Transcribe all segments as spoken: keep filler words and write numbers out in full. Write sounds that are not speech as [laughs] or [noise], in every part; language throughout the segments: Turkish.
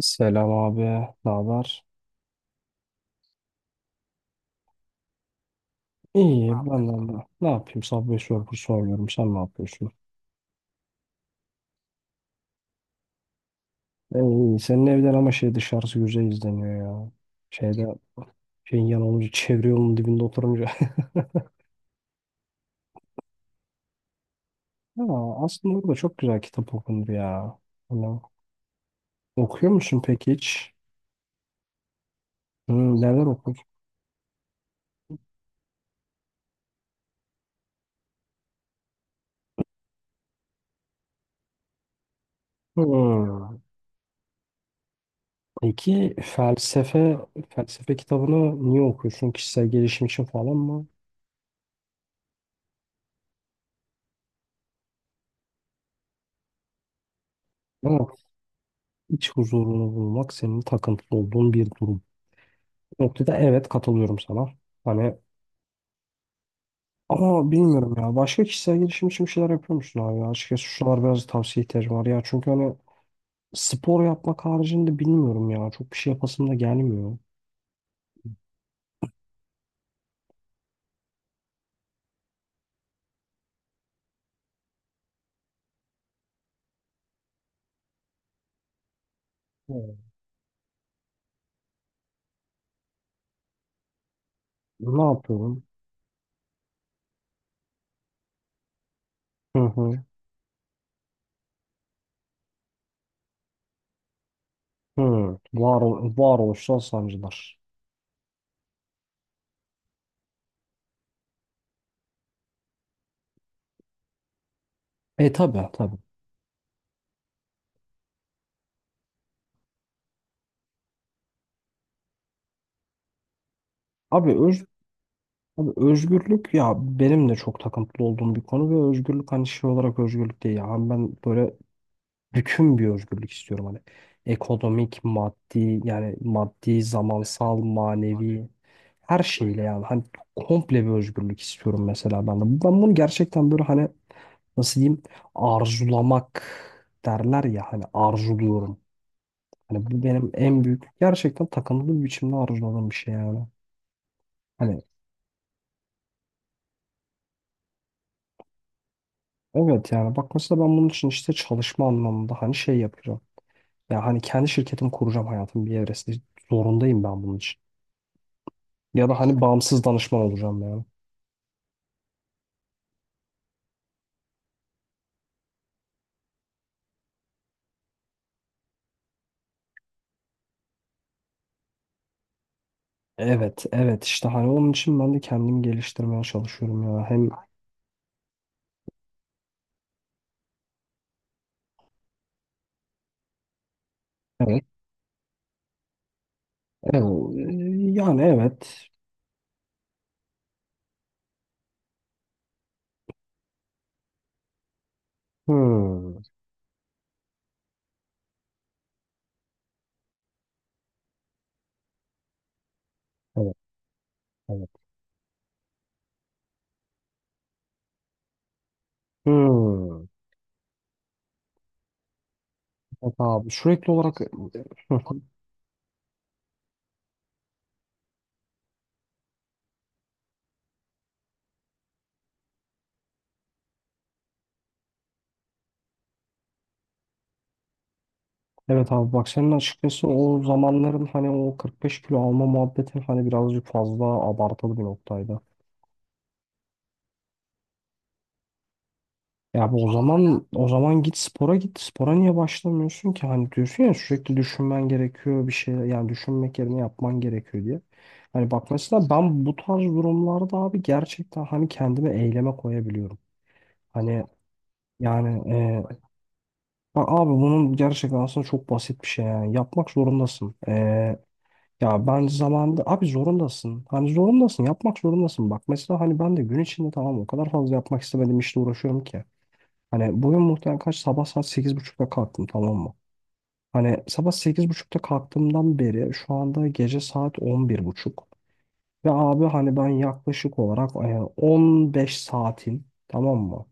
Selam abi, ne haber? İyi, ben de ne ne yapayım? Subway Surfer soruyorum, sen ne yapıyorsun? E, İyi, senin evden ama şey dışarısı güzel izleniyor ya. Şeyde, şeyin yan olunca, çevre yolunun dibinde oturunca. [laughs] Ha, aslında orada çok güzel kitap okunur ya. Hani, okuyor musun peki hiç? Hmm, neler okur? Hmm. Peki felsefe, felsefe kitabını niye okuyorsun? Kişisel gelişim için falan mı? Evet, iç huzurunu bulmak senin takıntılı olduğun bir durum. Noktada evet katılıyorum sana. Hani ama bilmiyorum ya. Başka kişisel gelişim için bir şeyler yapıyor musun abi ya? Açıkçası şu biraz tavsiye ihtiyacım var ya. Çünkü hani spor yapmak haricinde bilmiyorum ya. Çok bir şey yapasım da gelmiyor. Hmm. Ne yapıyorum? Hı hı. Hı. Var, varoluşsal sancılar. E tabi tabii. Abi, öz, abi özgürlük ya benim de çok takıntılı olduğum bir konu ve özgürlük hani şey olarak özgürlük değil ya. Hani ben böyle bütün bir özgürlük istiyorum hani ekonomik, maddi yani maddi, zamansal, manevi her şeyle yani hani komple bir özgürlük istiyorum mesela ben de. Ben bunu gerçekten böyle hani nasıl diyeyim arzulamak derler ya hani arzuluyorum. Hani bu benim en büyük gerçekten takıntılı bir biçimde arzuladığım bir şey yani. Hani evet yani bak mesela ben bunun için işte çalışma anlamında hani şey yapacağım. Ya hani kendi şirketimi kuracağım hayatım bir evresinde. Zorundayım ben bunun için. Ya da hani bağımsız danışman olacağım yani. Evet, evet işte hani onun için ben de kendimi geliştirmeye çalışıyorum ya. Hem evet, evet yani evet. Hmm, evet, evet. Hmm. Evet abi sürekli olarak evet. Abi bak senin açıkçası o zamanların hani o kırk beş kilo alma muhabbeti hani birazcık fazla abartılı bir noktaydı. Ya bu o zaman o zaman git spora git. Spora niye başlamıyorsun ki? Hani diyorsun ya sürekli düşünmen gerekiyor bir şey yani düşünmek yerine yapman gerekiyor diye. Hani bak mesela ben bu tarz durumlarda abi gerçekten hani kendimi eyleme koyabiliyorum. Hani yani e, bak abi bunun gerçekten aslında çok basit bir şey yani. Yapmak zorundasın. E, ya ben zamanında abi zorundasın. Hani zorundasın yapmak zorundasın. Bak mesela hani ben de gün içinde tamam o kadar fazla yapmak istemediğim işle uğraşıyorum ki. Hani bugün muhtemelen kaç sabah saat sekiz buçukta kalktım tamam mı? Hani sabah sekiz buçukta kalktığımdan beri şu anda gece saat on bir buçuk. Ve abi hani ben yaklaşık olarak e, on beş saatin tamam mı?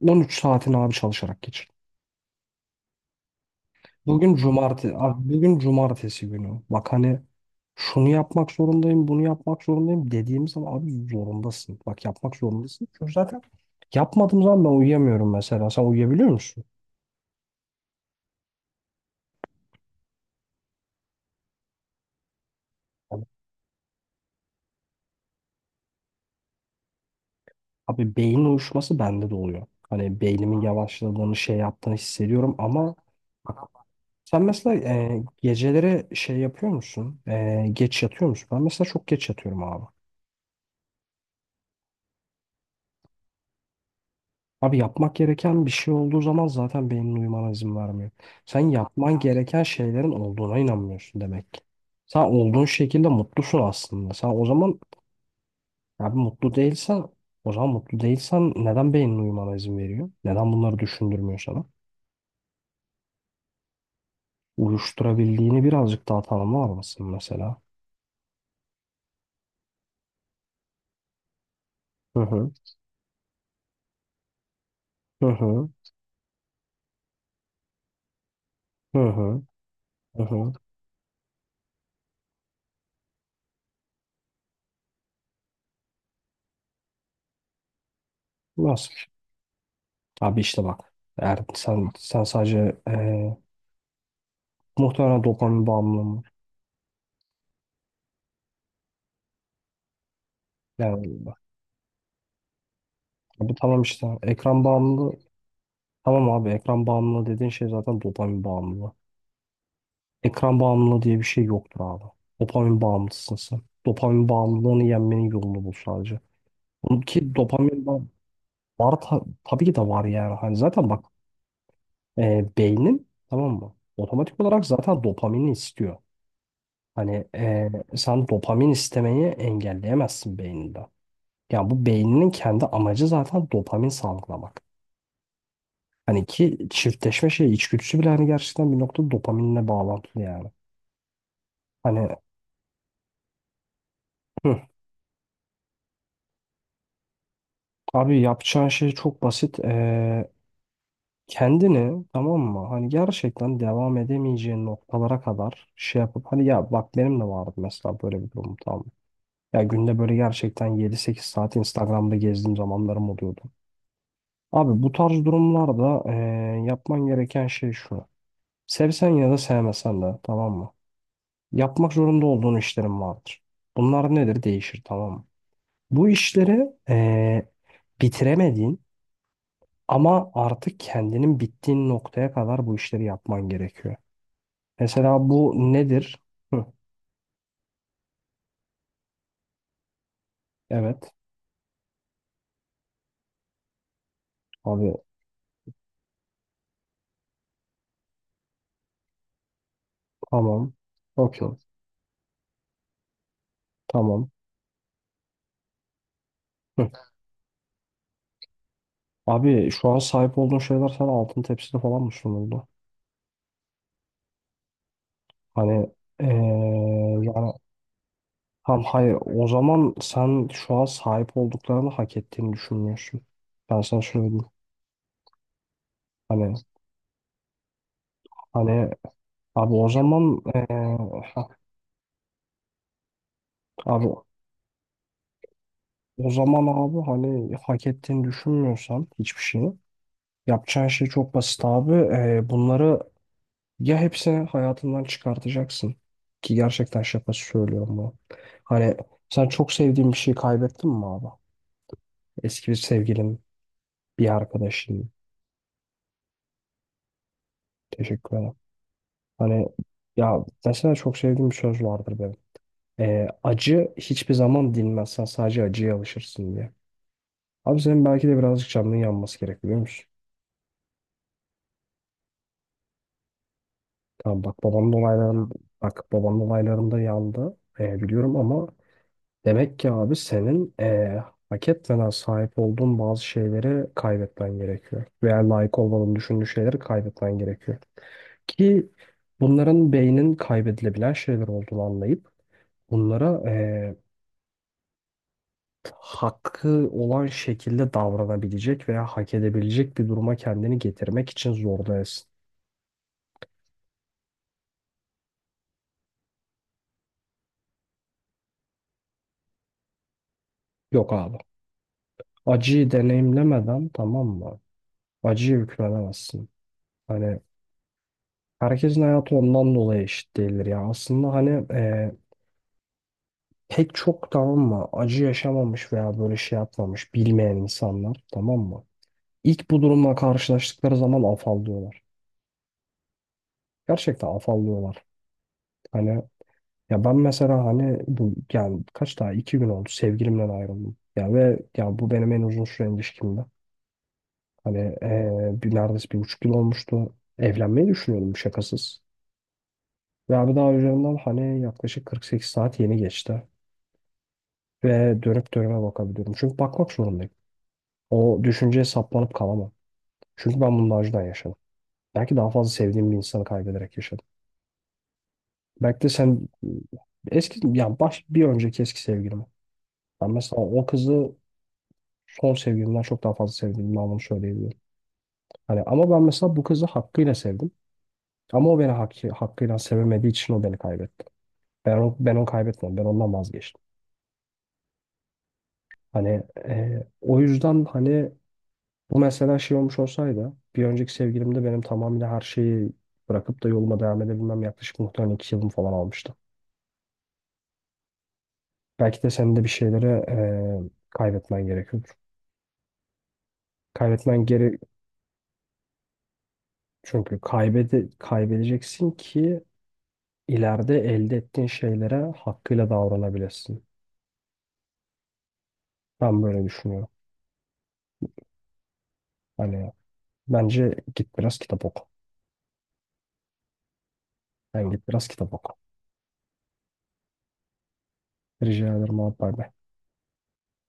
On üç saatin abi çalışarak geçirdim. Bugün cumartesi, abi bugün cumartesi günü. Bak hani şunu yapmak zorundayım, bunu yapmak zorundayım dediğim zaman abi zorundasın. Bak yapmak zorundasın. Çünkü zaten yapmadığım zaman ben uyuyamıyorum mesela. Sen uyuyabiliyor musun? Abi beyin uyuşması bende de oluyor. Hani beynimin yavaşladığını şey yaptığını hissediyorum ama bak, sen mesela e, geceleri şey yapıyor musun? E, geç yatıyor musun? Ben mesela çok geç yatıyorum abi. Abi yapmak gereken bir şey olduğu zaman zaten beynin uyumana izin vermiyor. Sen yapman gereken şeylerin olduğuna inanmıyorsun demek ki. Sen olduğun şekilde mutlusun aslında. Sen o zaman abi mutlu değilsen, o zaman mutlu değilsen neden beynin uyumana izin veriyor? Neden bunları düşündürmüyor sana? Uyuşturabildiğini birazcık daha tanımlar mısın mesela? Hı hı. Hı hı. Hı hı. Hı hı. Nasıl? Abi işte bak. Eğer sen, sen sadece eee muhtemelen dopamin bağımlılığı mı? Yani bak. Bu tamam işte. Ekran bağımlılığı. Tamam abi ekran bağımlılığı dediğin şey zaten dopamin bağımlılığı. Ekran bağımlılığı diye bir şey yoktur abi. Dopamin bağımlısın sen. Dopamin bağımlılığını yenmenin yolunu bul sadece. Bunun ki dopamin bağ- var ta- tabii ki de var yani. Hani zaten bak. E, beynin tamam mı? Otomatik olarak zaten dopamini istiyor. Hani e, sen dopamin istemeyi engelleyemezsin beyninde. Yani bu beyninin kendi amacı zaten dopamin salgılamak. Hani ki çiftleşme şey içgüdüsü bile hani gerçekten bir noktada dopaminle bağlantılı yani. Hani hı, abi yapacağın şey çok basit. E, kendini tamam mı? Hani gerçekten devam edemeyeceğin noktalara kadar şey yapıp hani ya bak benim de vardı mesela böyle bir durum tamam. Ya günde böyle gerçekten yedi sekiz saat Instagram'da gezdiğim zamanlarım oluyordu. Abi bu tarz durumlarda eee, yapman gereken şey şu. Sevsen ya da sevmesen de tamam mı? Yapmak zorunda olduğun işlerin vardır. Bunlar nedir? Değişir tamam mı? Bu işleri eee, bitiremediğin ama artık kendinin bittiğin noktaya kadar bu işleri yapman gerekiyor. Mesela bu nedir? Hı, evet. Abi tamam. Okey. Tamam. Hı. Abi şu an sahip olduğun şeyler sana altın tepside falan mı sunuldu? Hani eee, yani tam hayır, o zaman sen şu an sahip olduklarını hak ettiğini düşünmüyorsun. Ben sana söyleyeyim. Hani hani abi o zaman eee, ha, abi o zaman abi hani hak ettiğini düşünmüyorsan hiçbir şeyi yapacağın şey çok basit abi. Eee, bunları ya hepsini hayatından çıkartacaksın ki gerçekten şakası söylüyorum bu. Hani sen çok sevdiğin bir şeyi kaybettin mi abi? Eski bir sevgilin, bir arkadaşın. Teşekkür ederim. Hani ya mesela çok sevdiğim bir söz vardır benim. Ee, acı hiçbir zaman dinmez. Sen sadece acıya alışırsın diye. Abi senin belki de birazcık canının yanması gerek biliyor musun? Tamam bak babamın olaylarında bak babamın olaylarında yandı. Ee, biliyorum ama demek ki abi senin eee hak etmeden sahip olduğun bazı şeyleri kaybetmen gerekiyor. Veya layık olmadığını düşündüğün şeyleri kaybetmen gerekiyor. Ki bunların beynin kaybedilebilen şeyler olduğunu anlayıp bunlara eee, hakkı olan şekilde davranabilecek veya hak edebilecek bir duruma kendini getirmek için zorlayasın. Yok abi. Acıyı deneyimlemeden tamam mı? Acıyı hükmedemezsin. Hani herkesin hayatı ondan dolayı eşit değildir ya. Aslında hani eee, pek çok tamam mı acı yaşamamış veya böyle şey yapmamış bilmeyen insanlar tamam mı? İlk bu durumla karşılaştıkları zaman afallıyorlar. Gerçekten afallıyorlar. Hani ya ben mesela hani bu yani kaç daha iki gün oldu sevgilimden ayrıldım. Ya ve ya bu benim en uzun süren ilişkimdi. Hani eee, bir neredeyse bir buçuk yıl olmuştu. Evlenmeyi düşünüyordum şakasız. Ve abi daha üzerinden hani yaklaşık kırk sekiz saat yeni geçti. Ve dönüp dönüme bakabiliyorum. Çünkü bakmak zorundayım. O düşünceye saplanıp kalamam. Çünkü ben bunun acıdan yaşadım. Belki daha fazla sevdiğim bir insanı kaybederek yaşadım. Belki de sen eski yani baş bir önceki eski sevgilimi. Ben mesela o kızı son sevgilimden çok daha fazla sevdiğimi anlamı söyleyebilirim. Hani ama ben mesela bu kızı hakkıyla sevdim. Ama o beni hakkı, hakkıyla sevemediği için o beni kaybetti. Ben, o- ben onu kaybetmedim. Ben ondan vazgeçtim. Hani e, o yüzden hani bu mesela şey olmuş olsaydı bir önceki sevgilimde benim tamamıyla her şeyi bırakıp da yoluma devam edebilmem yaklaşık muhtemelen iki yılım falan almıştı. Belki de senin de bir şeylere eee, kaybetmen gerekiyordur. Kaybetmen geri Çünkü kaybede kaybedeceksin ki ileride elde ettiğin şeylere hakkıyla davranabilirsin. Ben böyle düşünüyorum. Hani bence git biraz kitap oku. Ben git biraz kitap oku. Rica ederim abi bay bay.